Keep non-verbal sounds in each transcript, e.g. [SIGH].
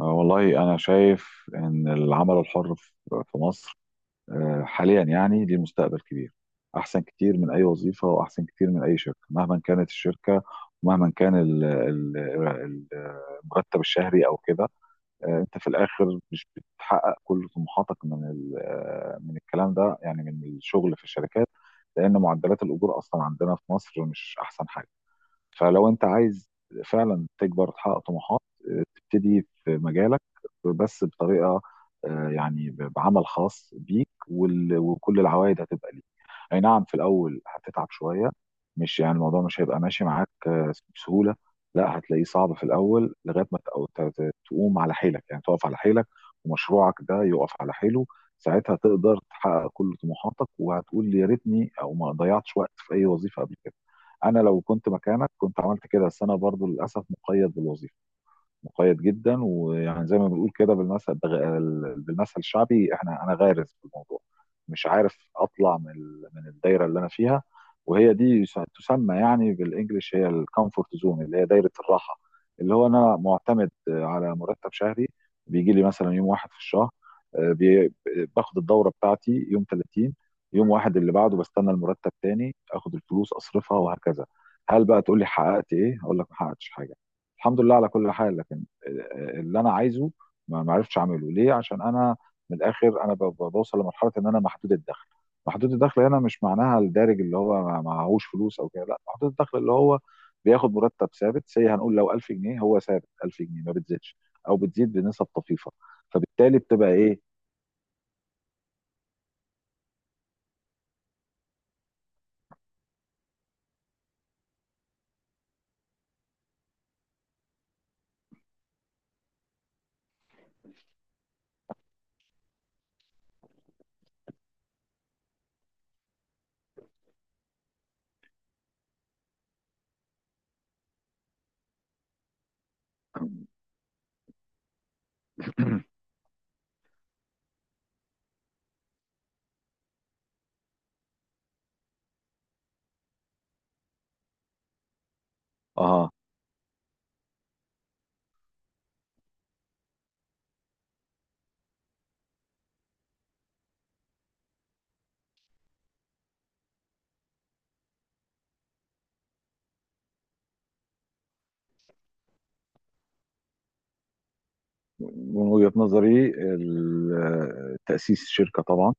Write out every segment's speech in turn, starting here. والله أنا شايف إن العمل الحر في مصر حاليا، يعني ليه مستقبل كبير أحسن كتير من أي وظيفة، وأحسن كتير من أي شركة مهما كانت الشركة، ومهما كان المرتب الشهري أو كده. أنت في الآخر مش بتحقق كل طموحاتك من من الكلام ده، يعني من الشغل في الشركات، لأن معدلات الأجور أصلا عندنا في مصر مش أحسن حاجة. فلو انت عايز فعلا تكبر، تحقق طموحات، تبتدي في مجالك، بس بطريقه، بعمل خاص بيك، وكل العوائد هتبقى ليك. اي نعم، في الاول هتتعب شويه، مش يعني الموضوع مش هيبقى ماشي معاك بسهوله، لا، هتلاقيه صعب في الاول لغايه ما تقوم على حيلك، يعني تقف على حيلك ومشروعك ده يقف على حيله. ساعتها تقدر تحقق كل طموحاتك، وهتقول يا ريتني او ما ضيعتش وقت في اي وظيفه قبل كده. انا لو كنت مكانك كنت عملت كده، بس انا برضو للاسف مقيد بالوظيفه، مقيد جدا، ويعني زي ما بنقول كده بالمثل بالمثل الشعبي، احنا، انا غارز في الموضوع، مش عارف اطلع من من الدايره اللي انا فيها، وهي دي تسمى يعني بالانجلش هي الكومفورت زون، اللي هي دايره الراحه. اللي هو انا معتمد على مرتب شهري بيجي لي مثلا يوم واحد في الشهر، آه، بي- باخد الدوره بتاعتي يوم 30، يوم واحد اللي بعده بستنى المرتب تاني، اخد الفلوس اصرفها، وهكذا. هل بقى تقول لي حققت ايه؟ اقول لك ما حققتش حاجه، الحمد لله على كل حال. لكن اللي انا عايزه ما عرفتش اعمله، ليه؟ عشان انا، من الاخر، انا بوصل لمرحله ان انا محدود الدخل. محدود الدخل هنا مش معناها الدارج اللي هو معهوش فلوس او كده، لا، محدود الدخل اللي هو بياخد مرتب ثابت، سي هنقول لو 1000 جنيه، هو ثابت 1000 جنيه، ما بتزيدش او بتزيد بنسب طفيفه. فبالتالي بتبقى ايه؟ [CLEARS THROAT] اه، من وجهه نظري تاسيس شركه طبعا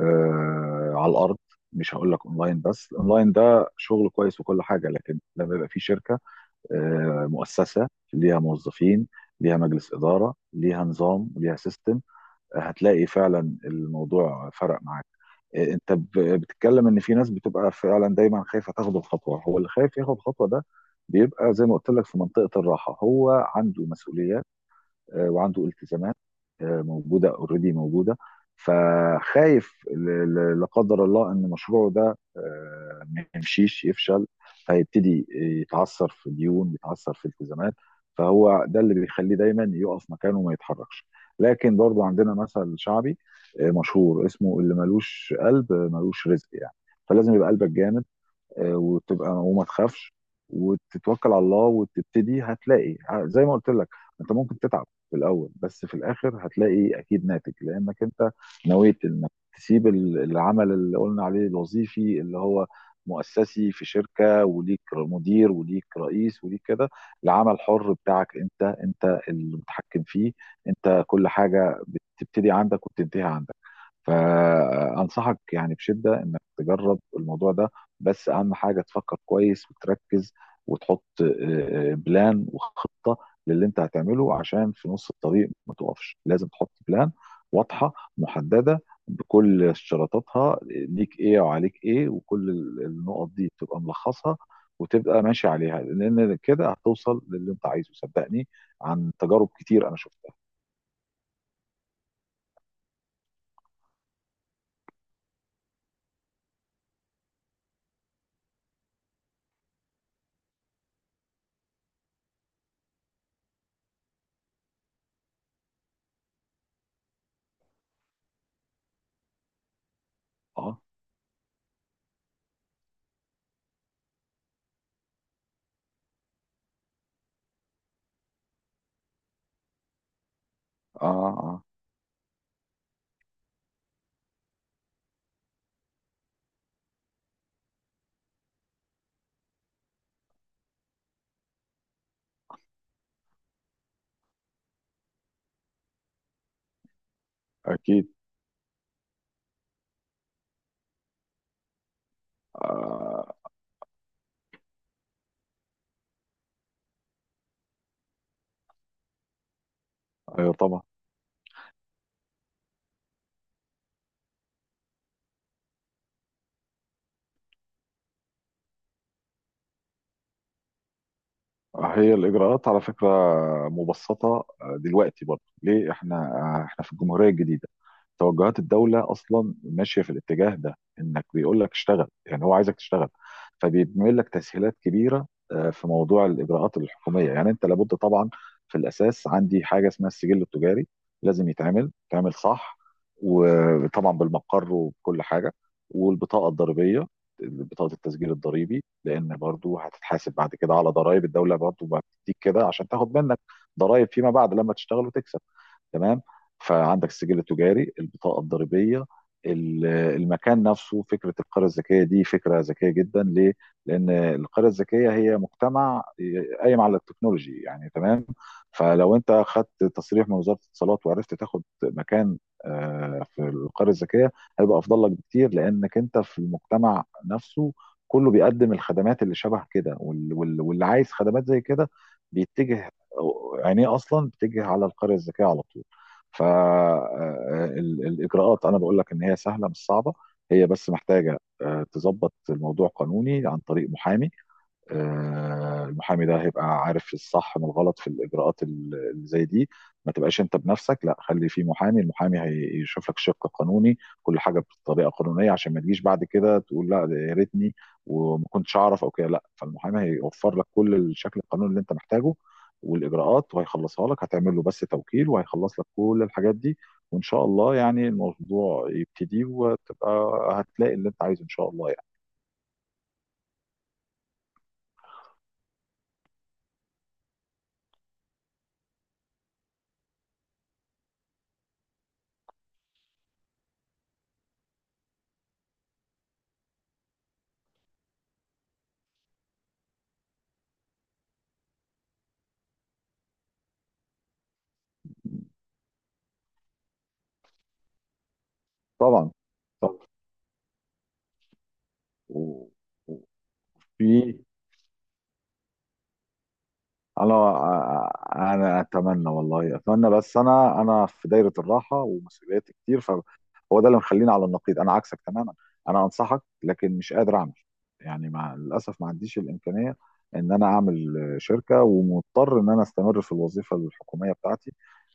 على الارض، مش هقول لك اونلاين، بس الاونلاين ده شغل كويس وكل حاجه، لكن لما يبقى في شركه مؤسسه، ليها موظفين، ليها مجلس اداره، ليها نظام، ليها سيستم، آه، هتلاقي فعلا الموضوع فرق معاك. انت بتتكلم ان في ناس بتبقى فعلا دايما خايفه تاخد الخطوه. هو اللي خايف ياخد الخطوه ده بيبقى زي ما قلت لك في منطقه الراحه، هو عنده مسؤوليات وعنده التزامات موجوده اوريدي موجوده، فخايف لا قدر الله ان مشروعه ده ما يمشيش، يفشل، فيبتدي يتعثر في ديون، يتعثر في التزامات، فهو ده اللي بيخليه دايما يقف مكانه وما يتحركش. لكن برضو عندنا مثل شعبي مشهور اسمه، اللي ملوش قلب ملوش رزق، يعني فلازم يبقى قلبك جامد وتبقى وما تخافش وتتوكل على الله وتبتدي، هتلاقي زي ما قلت لك، انت ممكن تتعب في الاول، بس في الاخر هتلاقي اكيد ناتج، لانك انت نويت انك تسيب العمل اللي قلنا عليه الوظيفي، اللي هو مؤسسي في شركة وليك مدير وليك رئيس وليك كده. العمل حر بتاعك انت، انت المتحكم فيه، انت كل حاجة بتبتدي عندك وبتنتهي عندك. فانصحك يعني بشده انك تجرب الموضوع ده، بس اهم حاجه تفكر كويس وتركز وتحط بلان وخطه للي انت هتعمله، عشان في نص الطريق ما تقفش. لازم تحط بلان واضحه محدده بكل اشتراطاتها، ليك ايه وعليك ايه، وكل النقط دي تبقى ملخصها وتبقى ماشي عليها، لان كده هتوصل للي انت عايزه صدقني، عن تجارب كتير انا شفتها. اه، اه، اه، اكيد. آه، ايوه طبعا. هي الإجراءات على فكرة مبسطة دلوقتي، برضه ليه؟ احنا احنا في الجمهورية الجديدة، توجهات الدولة أصلا ماشية في الاتجاه ده، إنك بيقول لك اشتغل، يعني هو عايزك تشتغل، فبيعمل لك تسهيلات كبيرة في موضوع الإجراءات الحكومية. يعني أنت لابد طبعا، في الأساس عندي حاجة اسمها السجل التجاري، لازم يتعمل، يتعمل صح، وطبعا بالمقر وبكل حاجة، والبطاقة الضريبية، بطاقة التسجيل الضريبي، لان برضو هتتحاسب بعد كده على ضرائب الدوله، برضو ما بتديك كده عشان تاخد منك ضرائب فيما بعد لما تشتغل وتكسب، تمام؟ فعندك السجل التجاري، البطاقه الضريبيه، المكان نفسه. فكره القريه الذكيه دي فكره ذكيه جدا، ليه؟ لان القريه الذكيه هي مجتمع قايم على التكنولوجي يعني، تمام؟ فلو انت خدت تصريح من وزاره الاتصالات، وعرفت تاخد مكان في القريه الذكيه، هيبقى افضل لك بكتير، لانك انت في المجتمع نفسه كله بيقدم الخدمات اللي شبه كده، واللي عايز خدمات زي كده بيتجه، عينيه اصلا بتجه على القريه الذكيه على طول. فالاجراءات انا بقول لك ان هي سهله مش صعبه، هي بس محتاجه تظبط الموضوع قانوني عن طريق محامي. المحامي ده هيبقى عارف الصح من الغلط في الاجراءات اللي زي دي، ما تبقاش انت بنفسك، لا، خلي في محامي، المحامي هيشوف لك شق قانوني، كل حاجه بطريقه قانونيه، عشان ما تجيش بعد كده تقول لا ده يا ريتني وما كنتش اعرف او كده، لا، فالمحامي هيوفر لك كل الشكل القانوني اللي انت محتاجه والاجراءات، وهيخلصها لك، هتعمل له بس توكيل وهيخلص لك كل الحاجات دي، وان شاء الله يعني الموضوع يبتدي وتبقى هتلاقي اللي انت عايزه ان شاء الله يعني. طبعا. طبعا. و... Oui, انا انا اتمنى والله، اتمنى، بس انا، انا في دايره الراحه ومسؤوليات كتير، فهو ده اللي مخليني على النقيض، انا عكسك تماما، انا انصحك لكن مش قادر اعمل، يعني مع للاسف ما عنديش الامكانيه ان انا اعمل شركه، ومضطر ان انا استمر في الوظيفه الحكوميه بتاعتي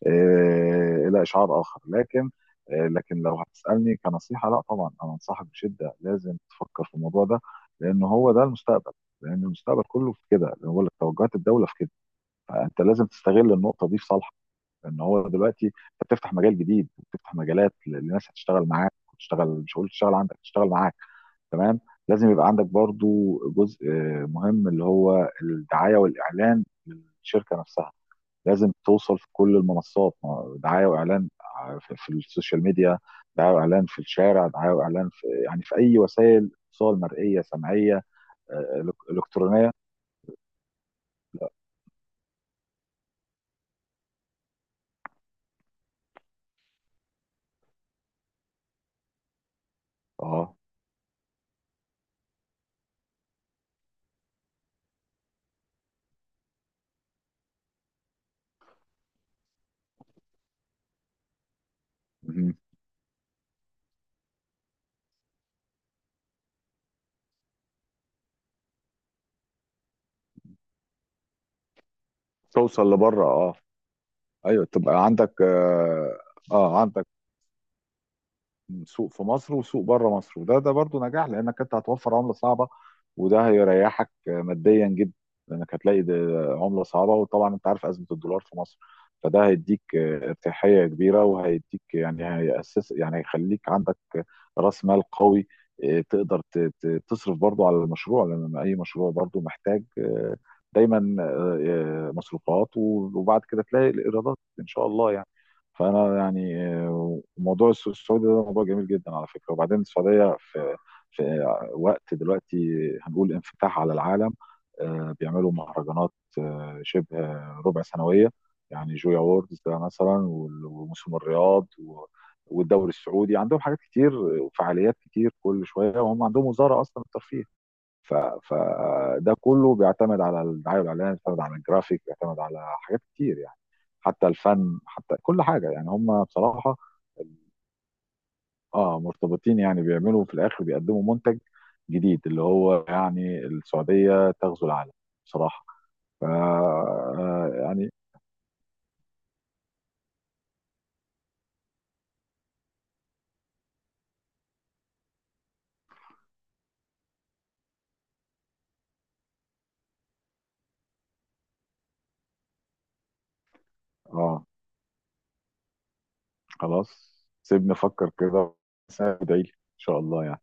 الى اشعار اخر. لكن لكن لو هتسالني كنصيحه، لا طبعا، انا انصحك بشده، لازم تفكر في الموضوع ده، لان هو ده المستقبل، لان المستقبل كله في كده، اللي هو توجهات الدوله في كده، فانت لازم تستغل النقطه دي في صالحك، لان هو دلوقتي انت بتفتح مجال جديد، بتفتح مجالات لناس هتشتغل معاك، وتشتغل، مش هقول تشتغل عندك، تشتغل معاك، تمام؟ لازم يبقى عندك برضو جزء مهم، اللي هو الدعايه والاعلان للشركه نفسها، لازم توصل في كل المنصات، دعايه واعلان في في السوشيال ميديا، دعايه واعلان في الشارع، دعايه واعلان في، يعني في اي وسائل اتصال مرئيه سمعيه الكترونيه. اه، مهم. توصل لبره، اه. ايوه، تبقى عندك، اه عندك سوق في مصر وسوق بره مصر، وده ده برضو نجاح، لانك انت هتوفر عمله صعبه، وده هيريحك ماديا جدا، لانك هتلاقي ده عمله صعبه، وطبعا انت عارف ازمه الدولار في مصر، فده هيديك ارتياحيه كبيره، وهيديك يعني هيأسس، يعني هيخليك عندك راس مال قوي تقدر تصرف برضو على المشروع، لان اي مشروع برضو محتاج دايما مصروفات، وبعد كده تلاقي الايرادات ان شاء الله يعني. فانا يعني موضوع السوق السعودي ده موضوع جميل جدا على فكره. وبعدين السعوديه في في وقت دلوقتي هنقول انفتاح على العالم بيعملوا مهرجانات شبه ربع سنويه، يعني جويا ووردز ده مثلا، وموسم الرياض، و- والدوري السعودي، عندهم حاجات كتير وفعاليات كتير كل شويه، وهم عندهم وزاره اصلا الترفيه، فده كله بيعتمد على الدعايه والاعلان، بيعتمد على الجرافيك، بيعتمد على حاجات كتير يعني، حتى الفن، حتى كل حاجه يعني، هم بصراحه، اه، مرتبطين، يعني بيعملوا في الاخر بيقدموا منتج جديد، اللي هو يعني السعوديه تغزو العالم بصراحه. ف يعني. اه، خلاص، سيبني افكر كده، بس ادعي لي ان شاء الله يعني.